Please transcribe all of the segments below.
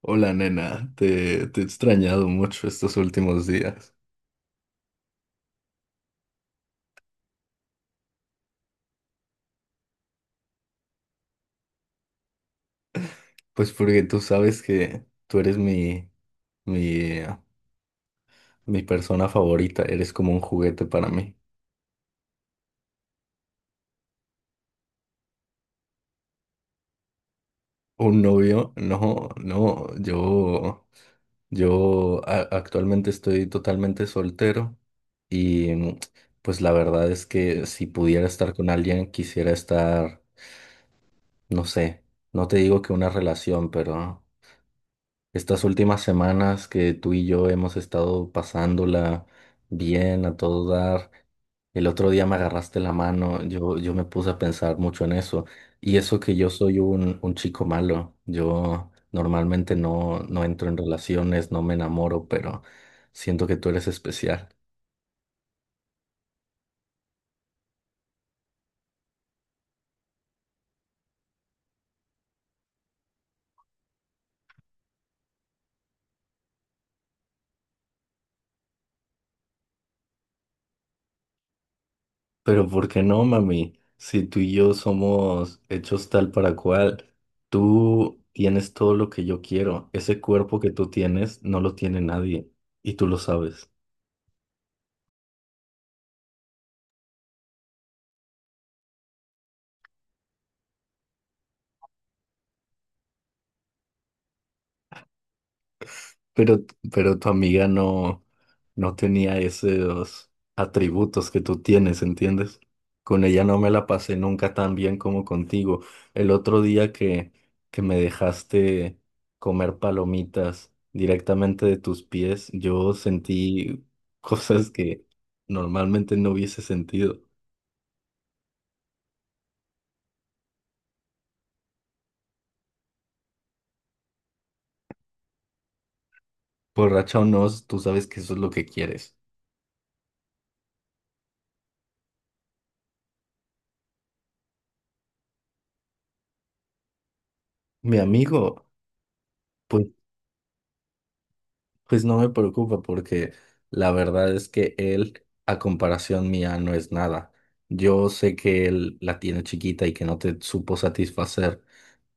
Hola nena, te he extrañado mucho estos últimos días. Pues porque tú sabes que tú eres mi, eh, mi persona favorita, eres como un juguete para mí. ¿Un novio? No, no, actualmente estoy totalmente soltero y pues la verdad es que si pudiera estar con alguien, quisiera estar, no sé, no te digo que una relación, pero estas últimas semanas que tú y yo hemos estado pasándola bien a todo dar. El otro día me agarraste la mano, yo me puse a pensar mucho en eso. Y eso que yo soy un chico malo, yo normalmente no entro en relaciones, no me enamoro, pero siento que tú eres especial. Pero ¿por qué no, mami? Si tú y yo somos hechos tal para cual, tú tienes todo lo que yo quiero. Ese cuerpo que tú tienes no lo tiene nadie y tú lo sabes. Pero, pero tu amiga no, no tenía esos atributos que tú tienes, ¿entiendes? Con ella no me la pasé nunca tan bien como contigo. El otro día que me dejaste comer palomitas directamente de tus pies, yo sentí cosas que normalmente no hubiese sentido. Borracha o no, tú sabes que eso es lo que quieres. Mi amigo. Pues Pues no me preocupa porque la verdad es que él, a comparación mía, no es nada. Yo sé que él la tiene chiquita y que no te supo satisfacer,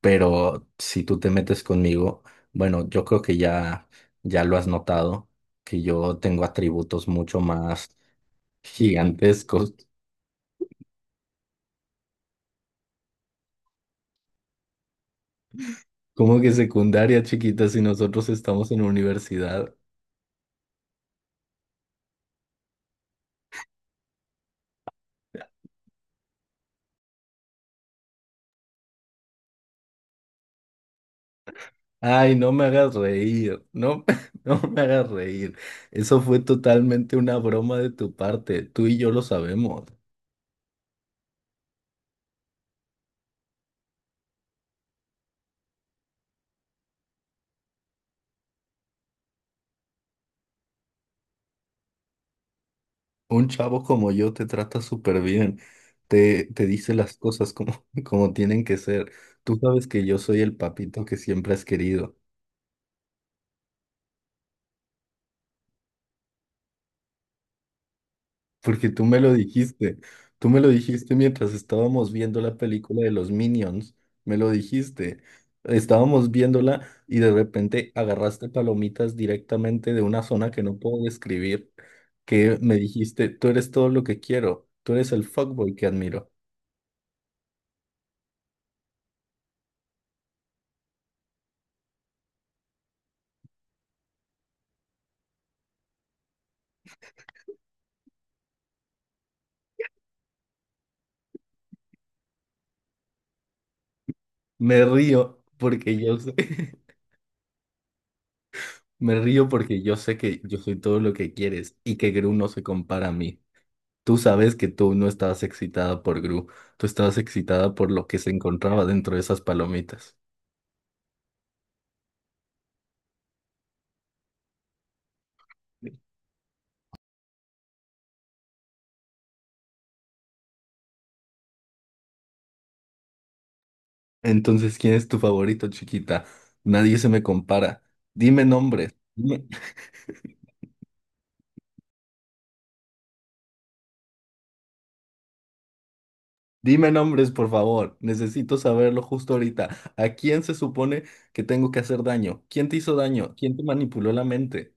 pero si tú te metes conmigo, bueno, yo creo que ya, ya lo has notado, que yo tengo atributos mucho más gigantescos. ¿Cómo que secundaria chiquita si nosotros estamos en universidad? Ay, no me hagas reír, no, no me hagas reír. Eso fue totalmente una broma de tu parte, tú y yo lo sabemos. Un chavo como yo te trata súper bien, te dice las cosas como, como tienen que ser. Tú sabes que yo soy el papito que siempre has querido. Porque tú me lo dijiste, tú me lo dijiste mientras estábamos viendo la película de los Minions, me lo dijiste. Estábamos viéndola y de repente agarraste palomitas directamente de una zona que no puedo describir, que me dijiste, tú eres todo lo que quiero, tú eres el fuckboy que admiro. Me río porque yo sé, me río porque yo sé que yo soy todo lo que quieres y que Gru no se compara a mí. Tú sabes que tú no estabas excitada por Gru, tú estabas excitada por lo que se encontraba dentro de esas palomitas. Entonces, ¿quién es tu favorito, chiquita? Nadie se me compara. Dime nombres. Dime, dime nombres, por favor. Necesito saberlo justo ahorita. ¿A quién se supone que tengo que hacer daño? ¿Quién te hizo daño? ¿Quién te manipuló la mente?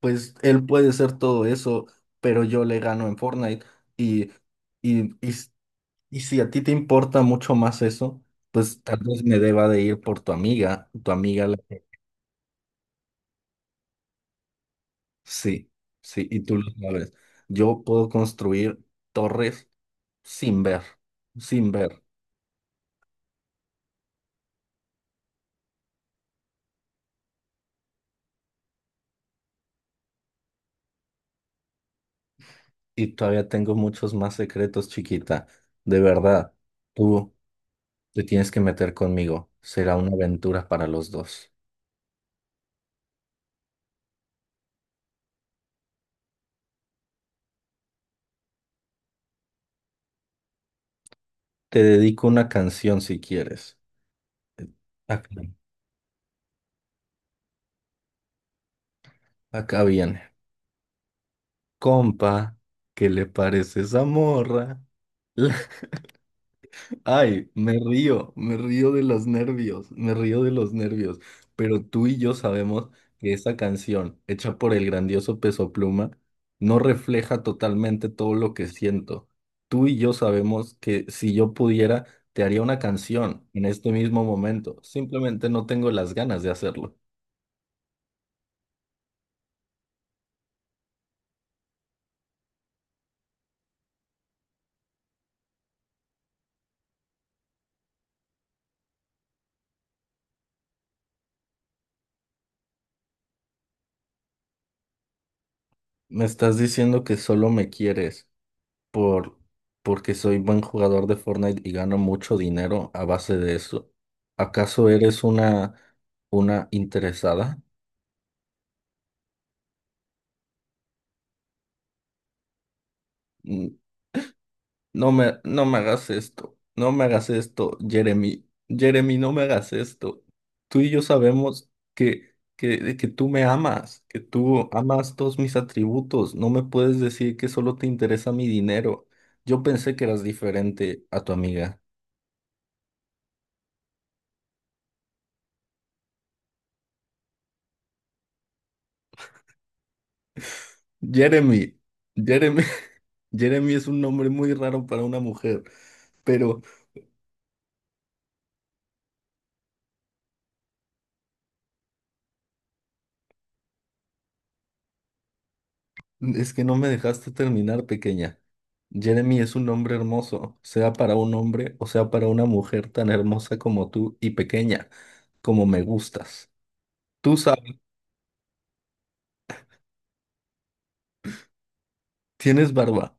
Pues él puede ser todo eso, pero yo le gano en Fortnite y, y, y y si a ti te importa mucho más eso, pues tal vez me deba de ir por tu amiga la que- Sí, sí, y tú lo sabes. Yo puedo construir torres sin ver, sin ver. Y todavía tengo muchos más secretos, chiquita. De verdad, tú te tienes que meter conmigo. Será una aventura para los dos. Te dedico una canción si quieres. Acá, acá viene. Compa, ¿qué le parece esa morra? Ay, me río, me río de los nervios. Pero tú y yo sabemos que esa canción, hecha por el grandioso Peso Pluma, no refleja totalmente todo lo que siento. Tú y yo sabemos que si yo pudiera, te haría una canción en este mismo momento. Simplemente no tengo las ganas de hacerlo. Me estás diciendo que solo me quieres, por porque soy buen jugador de Fortnite y gano mucho dinero a base de eso. ¿Acaso eres una interesada? Mm, no me hagas esto. No me hagas esto, Jeremy. Jeremy, no me hagas esto. Tú y yo sabemos que tú me amas, que tú amas todos mis atributos. No me puedes decir que solo te interesa mi dinero. Yo pensé que eras diferente a tu amiga. Jeremy, Jeremy. Jeremy es un nombre muy raro para una mujer, pero es que no me dejaste terminar, pequeña. Jeremy es un nombre hermoso, sea para un hombre o sea para una mujer tan hermosa como tú y pequeña, como me gustas. Tú sabes, tienes barba.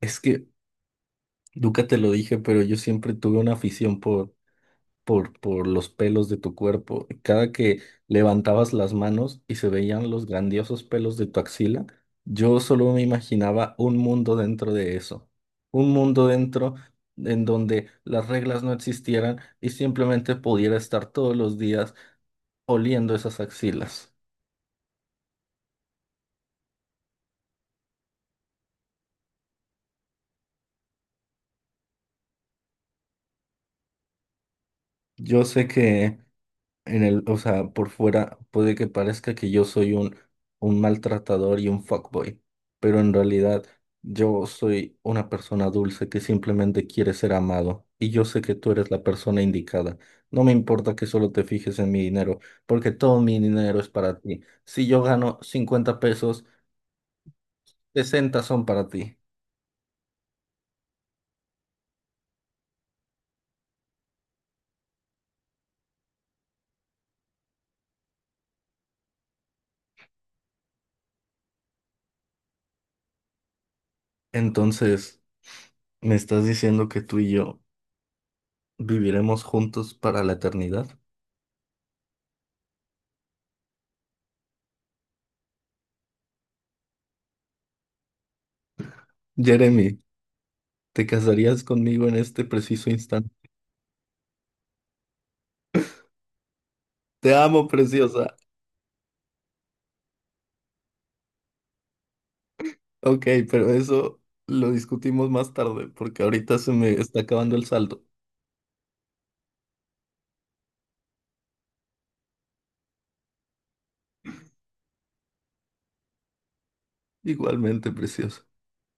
Es que nunca te lo dije, pero yo siempre tuve una afición por los pelos de tu cuerpo. Cada que levantabas las manos y se veían los grandiosos pelos de tu axila, yo solo me imaginaba un mundo dentro de eso. Un mundo dentro en donde las reglas no existieran y simplemente pudiera estar todos los días oliendo esas axilas. Yo sé que En el, o sea, por fuera puede que parezca que yo soy un maltratador y un fuckboy, pero en realidad yo soy una persona dulce que simplemente quiere ser amado y yo sé que tú eres la persona indicada. No me importa que solo te fijes en mi dinero, porque todo mi dinero es para ti. Si yo gano 50 pesos, 60 son para ti. Entonces, ¿me estás diciendo que tú y yo viviremos juntos para la eternidad? Jeremy. ¿Te casarías conmigo en este preciso instante? Te amo, preciosa. Ok, pero eso lo discutimos más tarde porque ahorita se me está acabando el saldo. Igualmente, preciosa.